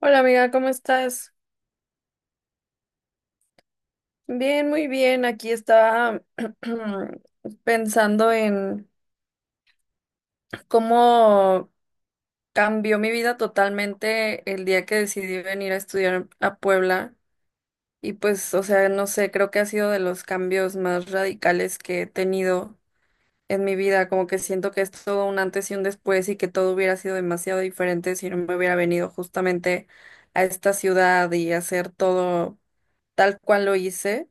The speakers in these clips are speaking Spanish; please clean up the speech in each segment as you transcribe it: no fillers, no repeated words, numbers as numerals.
Hola amiga, ¿cómo estás? Bien, muy bien. Aquí estaba pensando en cómo cambió mi vida totalmente el día que decidí venir a estudiar a Puebla. Y pues, o sea, no sé, creo que ha sido de los cambios más radicales que he tenido en mi vida. Como que siento que es todo un antes y un después y que todo hubiera sido demasiado diferente si no me hubiera venido justamente a esta ciudad y hacer todo tal cual lo hice.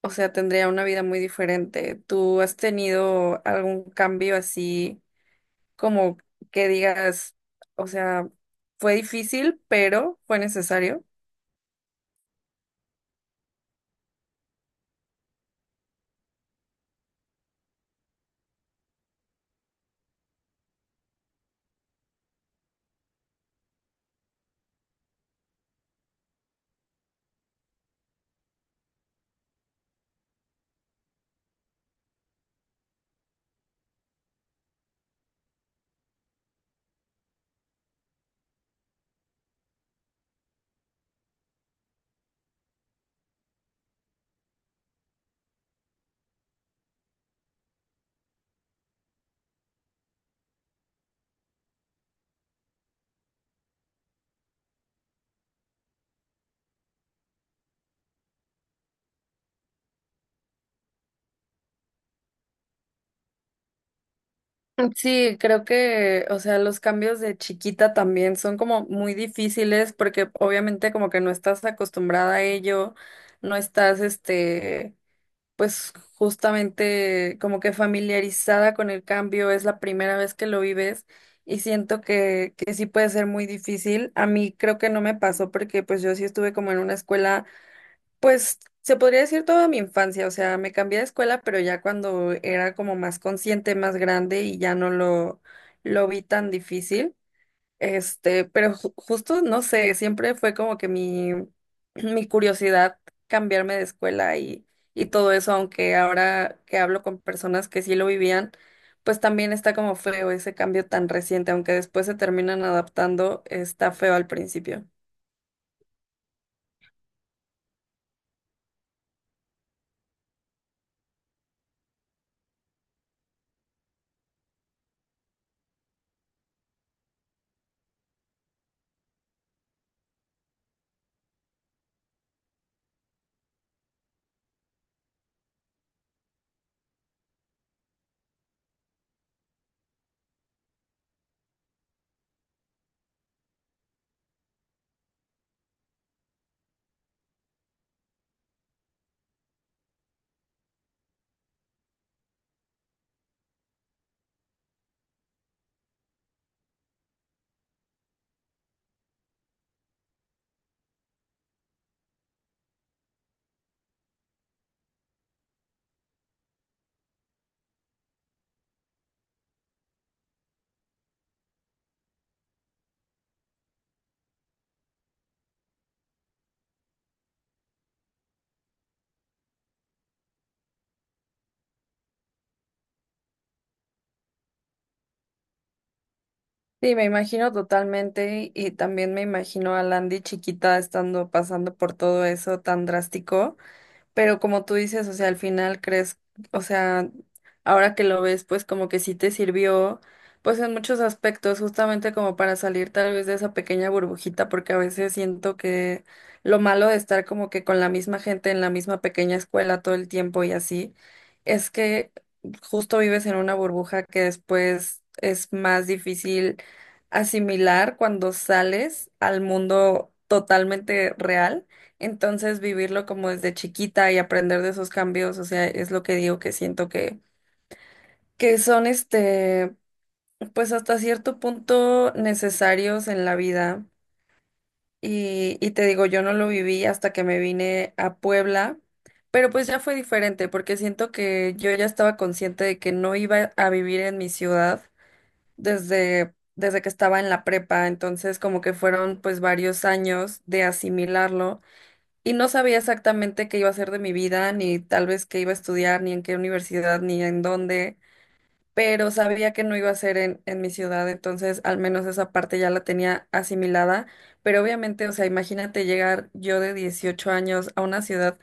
O sea, tendría una vida muy diferente. ¿Tú has tenido algún cambio así como que digas, o sea, fue difícil, pero fue necesario? Sí, creo que, o sea, los cambios de chiquita también son como muy difíciles porque obviamente como que no estás acostumbrada a ello, no estás, este, pues justamente como que familiarizada con el cambio, es la primera vez que lo vives y siento que sí puede ser muy difícil. A mí creo que no me pasó porque pues yo sí estuve como en una escuela, pues se podría decir toda mi infancia. O sea, me cambié de escuela, pero ya cuando era como más consciente, más grande y ya no lo vi tan difícil. Este, pero justo, no sé, siempre fue como que mi curiosidad cambiarme de escuela y todo eso, aunque ahora que hablo con personas que sí lo vivían, pues también está como feo ese cambio tan reciente, aunque después se terminan adaptando, está feo al principio. Sí, me imagino totalmente y también me imagino a Landy chiquita estando pasando por todo eso tan drástico. Pero como tú dices, o sea, al final crees, o sea, ahora que lo ves, pues como que sí te sirvió, pues en muchos aspectos, justamente como para salir tal vez de esa pequeña burbujita, porque a veces siento que lo malo de estar como que con la misma gente en la misma pequeña escuela todo el tiempo y así, es que justo vives en una burbuja que después es más difícil asimilar cuando sales al mundo totalmente real. Entonces, vivirlo como desde chiquita y aprender de esos cambios, o sea, es lo que digo que siento que son pues hasta cierto punto necesarios en la vida. Y te digo, yo no lo viví hasta que me vine a Puebla, pero pues ya fue diferente porque siento que yo ya estaba consciente de que no iba a vivir en mi ciudad desde que estaba en la prepa. Entonces, como que fueron pues varios años de asimilarlo. Y no sabía exactamente qué iba a hacer de mi vida, ni tal vez qué iba a estudiar, ni en qué universidad, ni en dónde, pero sabía que no iba a ser en mi ciudad, entonces al menos esa parte ya la tenía asimilada, pero obviamente, o sea, imagínate llegar yo de 18 años a una ciudad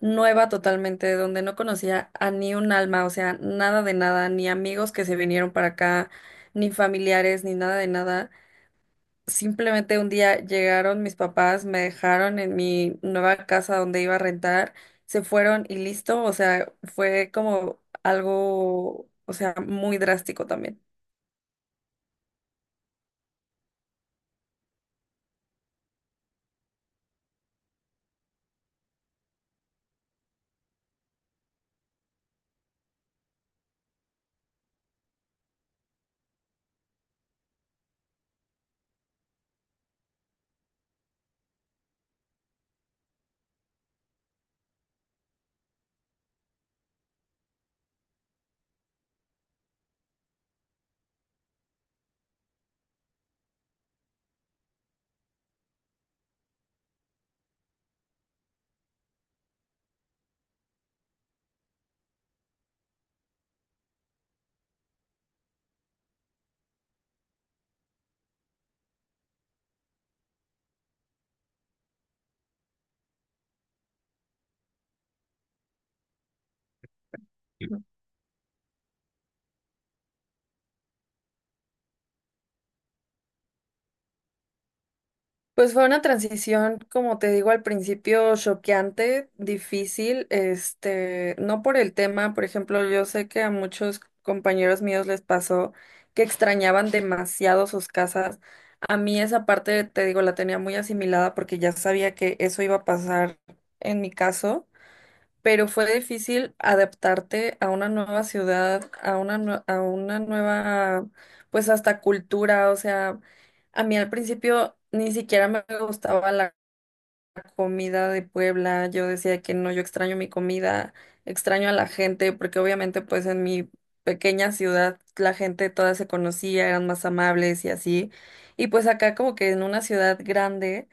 nueva totalmente, donde no conocía a ni un alma, o sea, nada de nada, ni amigos que se vinieron para acá, ni familiares, ni nada de nada. Simplemente un día llegaron mis papás, me dejaron en mi nueva casa donde iba a rentar, se fueron y listo. O sea, fue como algo, o sea, muy drástico también. Pues fue una transición, como te digo al principio, choqueante, difícil, este, no por el tema, por ejemplo, yo sé que a muchos compañeros míos les pasó que extrañaban demasiado sus casas. A mí esa parte, te digo, la tenía muy asimilada porque ya sabía que eso iba a pasar en mi caso, pero fue difícil adaptarte a una nueva ciudad, a una, a una nueva, pues hasta cultura. O sea, a mí al principio ni siquiera me gustaba la comida de Puebla, yo decía que no, yo extraño mi comida, extraño a la gente, porque obviamente pues en mi pequeña ciudad la gente toda se conocía, eran más amables y así, y pues acá como que en una ciudad grande,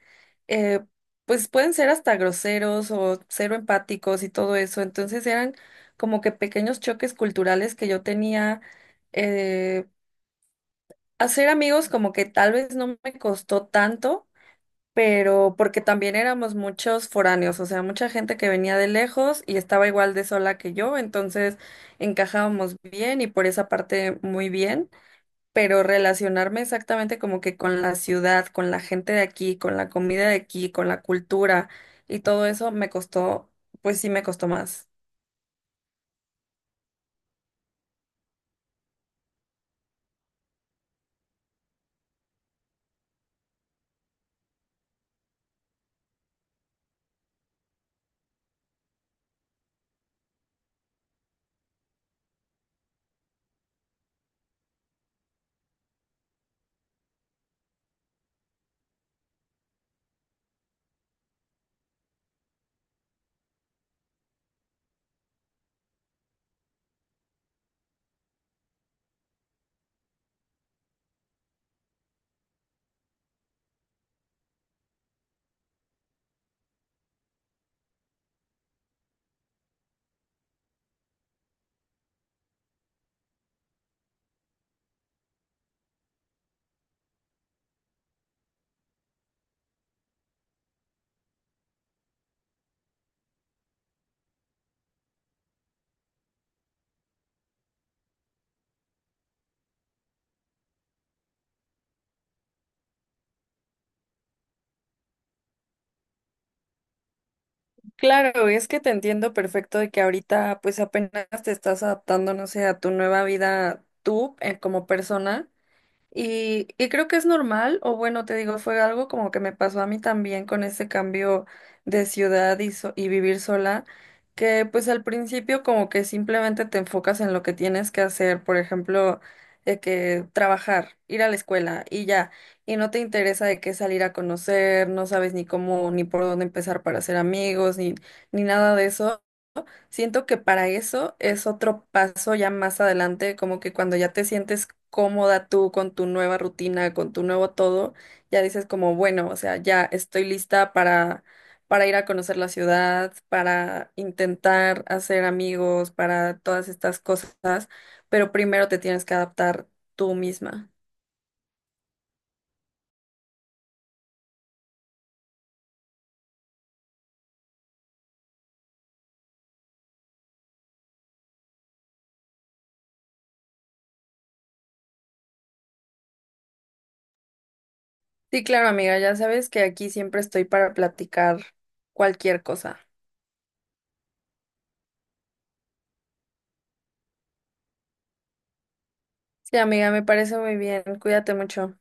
eh, pues pueden ser hasta groseros o cero empáticos y todo eso, entonces eran como que pequeños choques culturales que yo tenía, eh, hacer amigos como que tal vez no me costó tanto, pero porque también éramos muchos foráneos, o sea, mucha gente que venía de lejos y estaba igual de sola que yo, entonces encajábamos bien y por esa parte muy bien, pero relacionarme exactamente como que con la ciudad, con la gente de aquí, con la comida de aquí, con la cultura y todo eso me costó, pues sí me costó más. Claro, es que te entiendo perfecto de que ahorita pues apenas te estás adaptando, no sé, a tu nueva vida tú, como persona. Y creo que es normal, o bueno, te digo, fue algo como que me pasó a mí también con ese cambio de ciudad y y vivir sola, que pues al principio como que simplemente te enfocas en lo que tienes que hacer, por ejemplo, de que trabajar, ir a la escuela y ya, y no te interesa de qué salir a conocer, no sabes ni cómo ni por dónde empezar para hacer amigos, ni, ni nada de eso. Siento que para eso es otro paso ya más adelante, como que cuando ya te sientes cómoda tú con tu nueva rutina, con tu nuevo todo, ya dices como, bueno, o sea, ya estoy lista para ir a conocer la ciudad, para intentar hacer amigos, para todas estas cosas, pero primero te tienes que adaptar tú misma. Sí, claro, amiga, ya sabes que aquí siempre estoy para platicar cualquier cosa. Sí, amiga, me parece muy bien. Cuídate mucho.